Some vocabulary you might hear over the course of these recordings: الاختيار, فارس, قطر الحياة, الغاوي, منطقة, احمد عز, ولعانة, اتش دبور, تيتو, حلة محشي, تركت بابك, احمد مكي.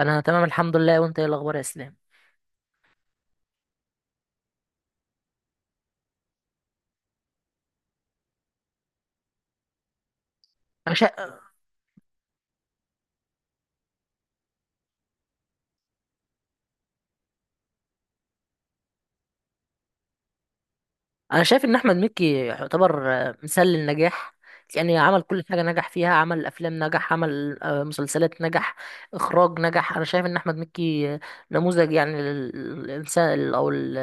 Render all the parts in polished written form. انا تمام الحمد لله، وانت ايه الاخبار يا اسلام؟ انا شا... انا شايف ان احمد مكي يعتبر مثال للنجاح. يعني عمل كل حاجه نجح فيها، عمل افلام نجح، عمل مسلسلات نجح، اخراج نجح. انا شايف ان احمد مكي نموذج يعني للانسان او ال-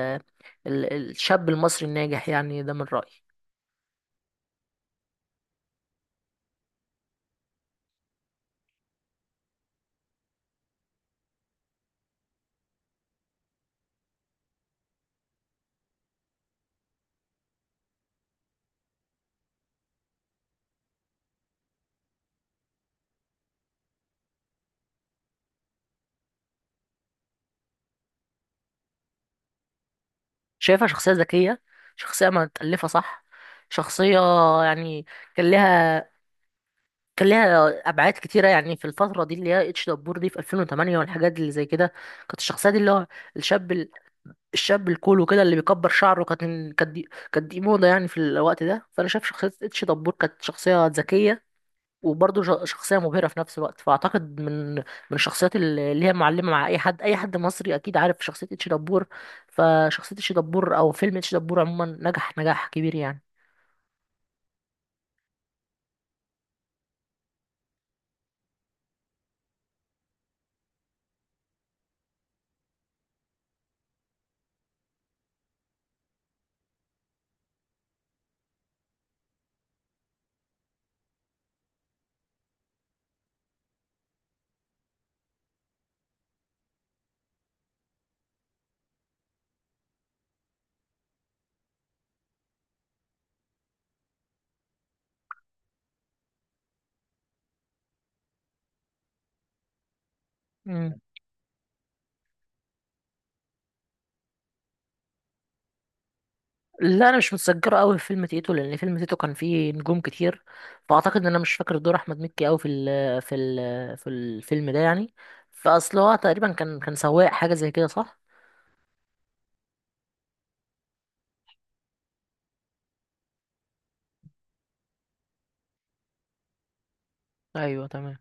ال- الشاب المصري الناجح يعني، ده من رايي. شايفها شخصيه ذكيه، شخصيه متالفه، صح. شخصيه يعني كان لها كان ليها ابعاد كتيره يعني في الفتره دي اللي هي اتش دبور دي في 2008 والحاجات اللي زي كده. كانت الشخصيه دي اللي هو الشاب الشاب الكول وكده اللي بيكبر شعره. كانت دي موضه يعني في الوقت ده. فانا شايف شخصيه اتش دبور كانت شخصيه ذكيه، وبرضه شخصيه مبهره في نفس الوقت. فاعتقد من الشخصيات اللي هي معلمه، مع اي حد مصري اكيد عارف شخصيه اتش دبور. فشخصيه اتش دبور او فيلم اتش دبور عموما نجح نجاح كبير يعني. لا، انا مش متذكره قوي في فيلم تيتو، لان فيلم تيتو كان فيه نجوم كتير. فاعتقد ان انا مش فاكر دور احمد مكي قوي في الفيلم ده يعني. فاصل هو تقريبا كان سواق حاجه زي كده، صح. ايوه، تمام.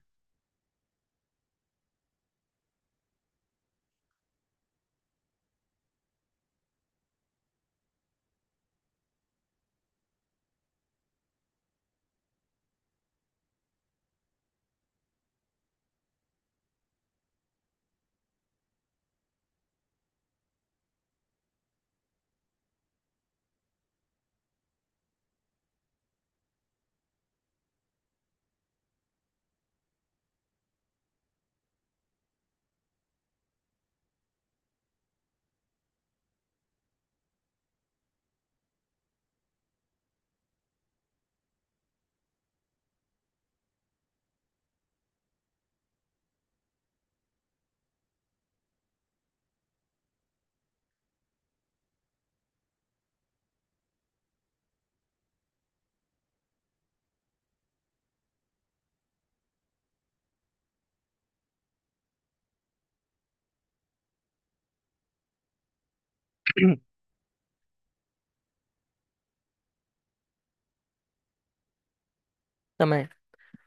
تمام.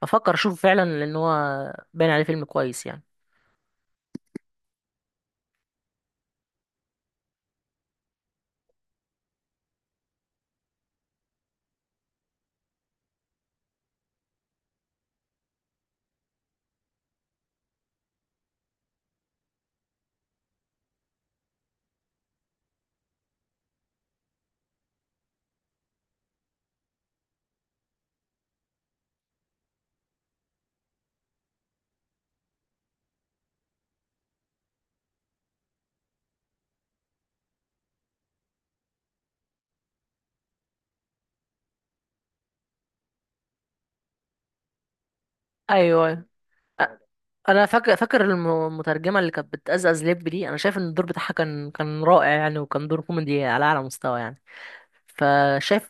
افكر اشوفه فعلا، لان هو باين عليه فيلم كويس يعني. ايوه، أيوة. أ- انا فاكر المترجمه اللي كانت بتأزأز لب دي، انا شايف ان الدور بتاعها كان رائع يعني، وكان دور كوميدي على اعلى مستوى يعني. فشايف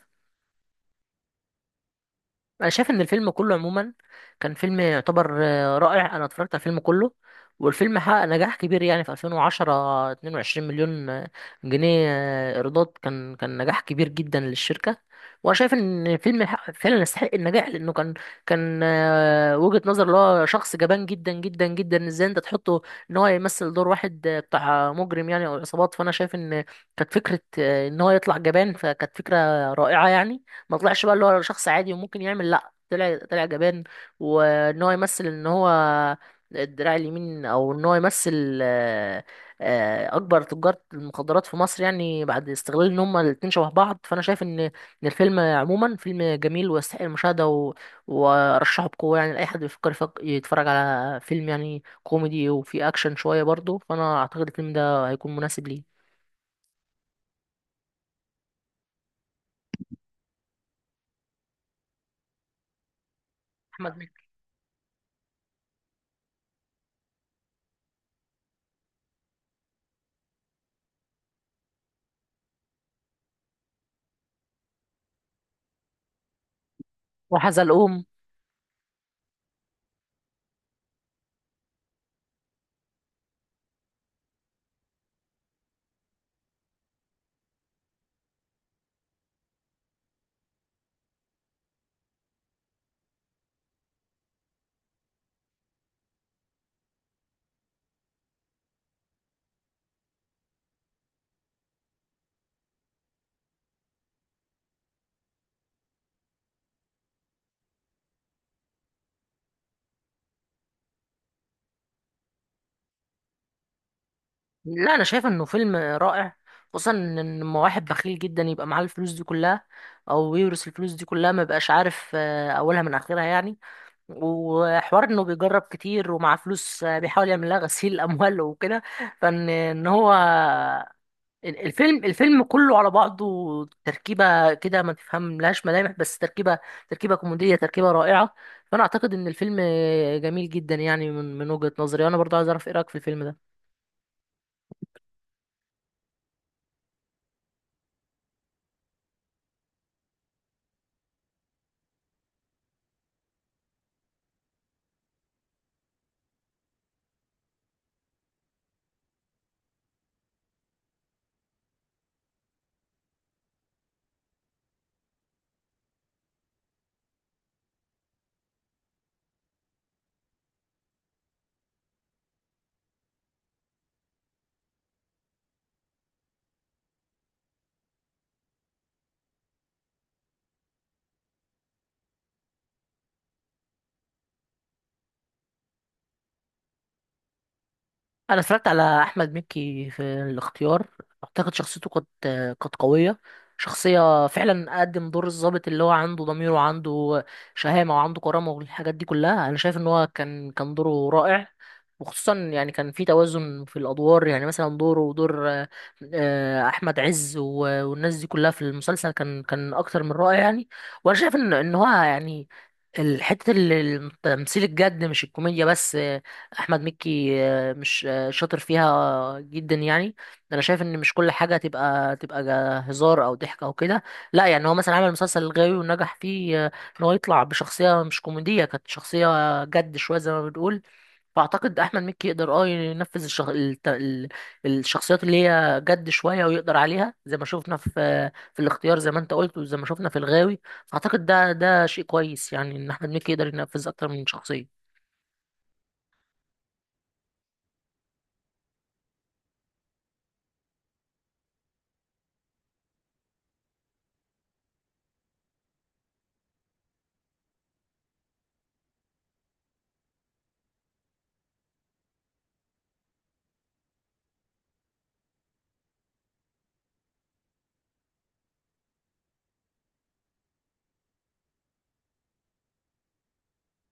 انا شايف ان الفيلم كله عموما كان فيلم يعتبر رائع. انا اتفرجت على الفيلم كله، والفيلم حقق نجاح كبير يعني، في 2010، 22 مليون جنيه ايرادات. كان نجاح كبير جدا للشركة. وانا شايف ان الفيلم فعلا يستحق النجاح، لانه كان كان وجهة نظر اللي هو شخص جبان جدا جدا جدا، ازاي انت تحطه ان هو يمثل دور واحد بتاع مجرم يعني، او عصابات. فانا شايف ان كانت فكرة ان هو يطلع جبان، فكانت فكرة رائعة يعني. ما طلعش بقى اللي هو شخص عادي وممكن يعمل، لا، طلع جبان، وان هو يمثل ان هو الدراع اليمين، او ان هو يمثل اكبر تجار المخدرات في مصر يعني، بعد استغلال ان هما الاتنين شبه بعض. فانا شايف ان الفيلم عموما فيلم جميل ويستحق المشاهده، وارشحه بقوه يعني لاي حد بيفكر يتفرج على فيلم يعني كوميدي وفيه اكشن شويه برضه. فانا اعتقد الفيلم ده هيكون مناسب ليه. احمد مكي وحزلقوم. لا، انا شايف انه فيلم رائع، خصوصا ان لما واحد بخيل جدا يبقى معاه الفلوس دي كلها، او يورث الفلوس دي كلها، ما يبقاش عارف اولها من اخرها يعني. وحوار انه بيجرب كتير، ومع فلوس بيحاول يعمل لها غسيل اموال وكده. فان ان هو ال- الفيلم كله على بعضه، تركيبه كده ما تفهم لهاش ملامح، بس تركيبه كوميديه، تركيبه رائعه. فانا اعتقد ان الفيلم جميل جدا يعني من وجهة نظري، وانا برضه عايز اعرف ايه رايك في الفيلم ده. انا اتفرجت على احمد مكي في الاختيار. اعتقد شخصيته كانت قويه، شخصيه فعلا. قدم دور الضابط اللي هو عنده ضمير، وعنده شهامه، وعنده كرامه، والحاجات دي كلها. انا شايف ان هو كان دوره رائع، وخصوصا يعني كان في توازن في الادوار، يعني مثلا دوره ودور احمد عز والناس دي كلها في المسلسل، كان اكتر من رائع يعني. وانا شايف ان هو يعني، الحته اللي التمثيل الجد مش الكوميديا بس، احمد مكي مش شاطر فيها جدا يعني. انا شايف ان مش كل حاجه تبقى هزار او ضحك او كده، لا، يعني هو مثلا عمل مسلسل الغاوي ونجح فيه، ان هو يطلع بشخصيه مش كوميديه، كانت شخصيه جد شويه زي ما بنقول. فاعتقد احمد مكي يقدر اه ينفذ الشخصيات اللي هي جد شويه، ويقدر عليها زي ما شفنا في الاختيار زي ما انت قلت، وزي ما شفنا في الغاوي. فاعتقد ده شيء كويس يعني، ان احمد مكي يقدر ينفذ اكتر من شخصيه.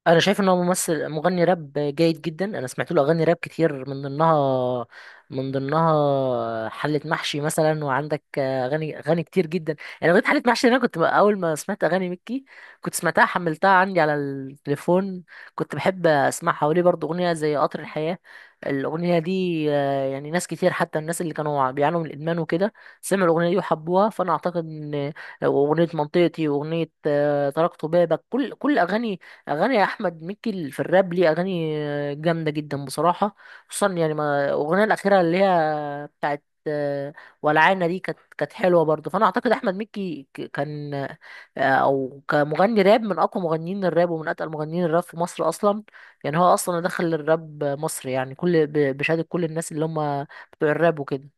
انا شايف ان هو ممثل مغني راب جيد جدا. انا سمعت له اغاني راب كتير، من ضمنها حلة محشي مثلا، وعندك اغاني كتير جدا يعني. اغنية حلة محشي دي، انا كنت بقى اول ما سمعت اغاني مكي كنت سمعتها، حملتها عندي على التليفون، كنت بحب اسمعها. وليه برضو اغنية زي قطر الحياة، الاغنية دي يعني ناس كتير، حتى الناس اللي كانوا بيعانوا من الادمان وكده سمعوا الاغنية دي وحبوها. فانا اعتقد ان اغنية منطقتي، واغنية تركت بابك، كل اغاني احمد مكي في الراب ليه اغاني جامده جدا بصراحه. خصوصا يعني ما الاغنيه الاخيره اللي هي بتاعت ولعانه دي، كانت حلوه برضه. فانا اعتقد احمد مكي كان او كمغني راب من اقوى مغنيين الراب، ومن اتقل مغنيين الراب في مصر اصلا. يعني هو اصلا دخل الراب مصر يعني، كل بشهاده كل الناس اللي هم بتوع الراب وكده.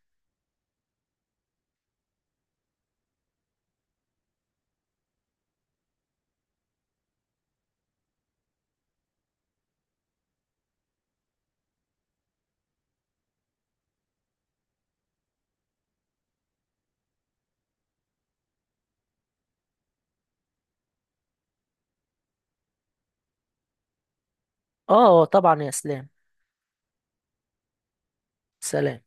اه، طبعا يا اسلام. سلام.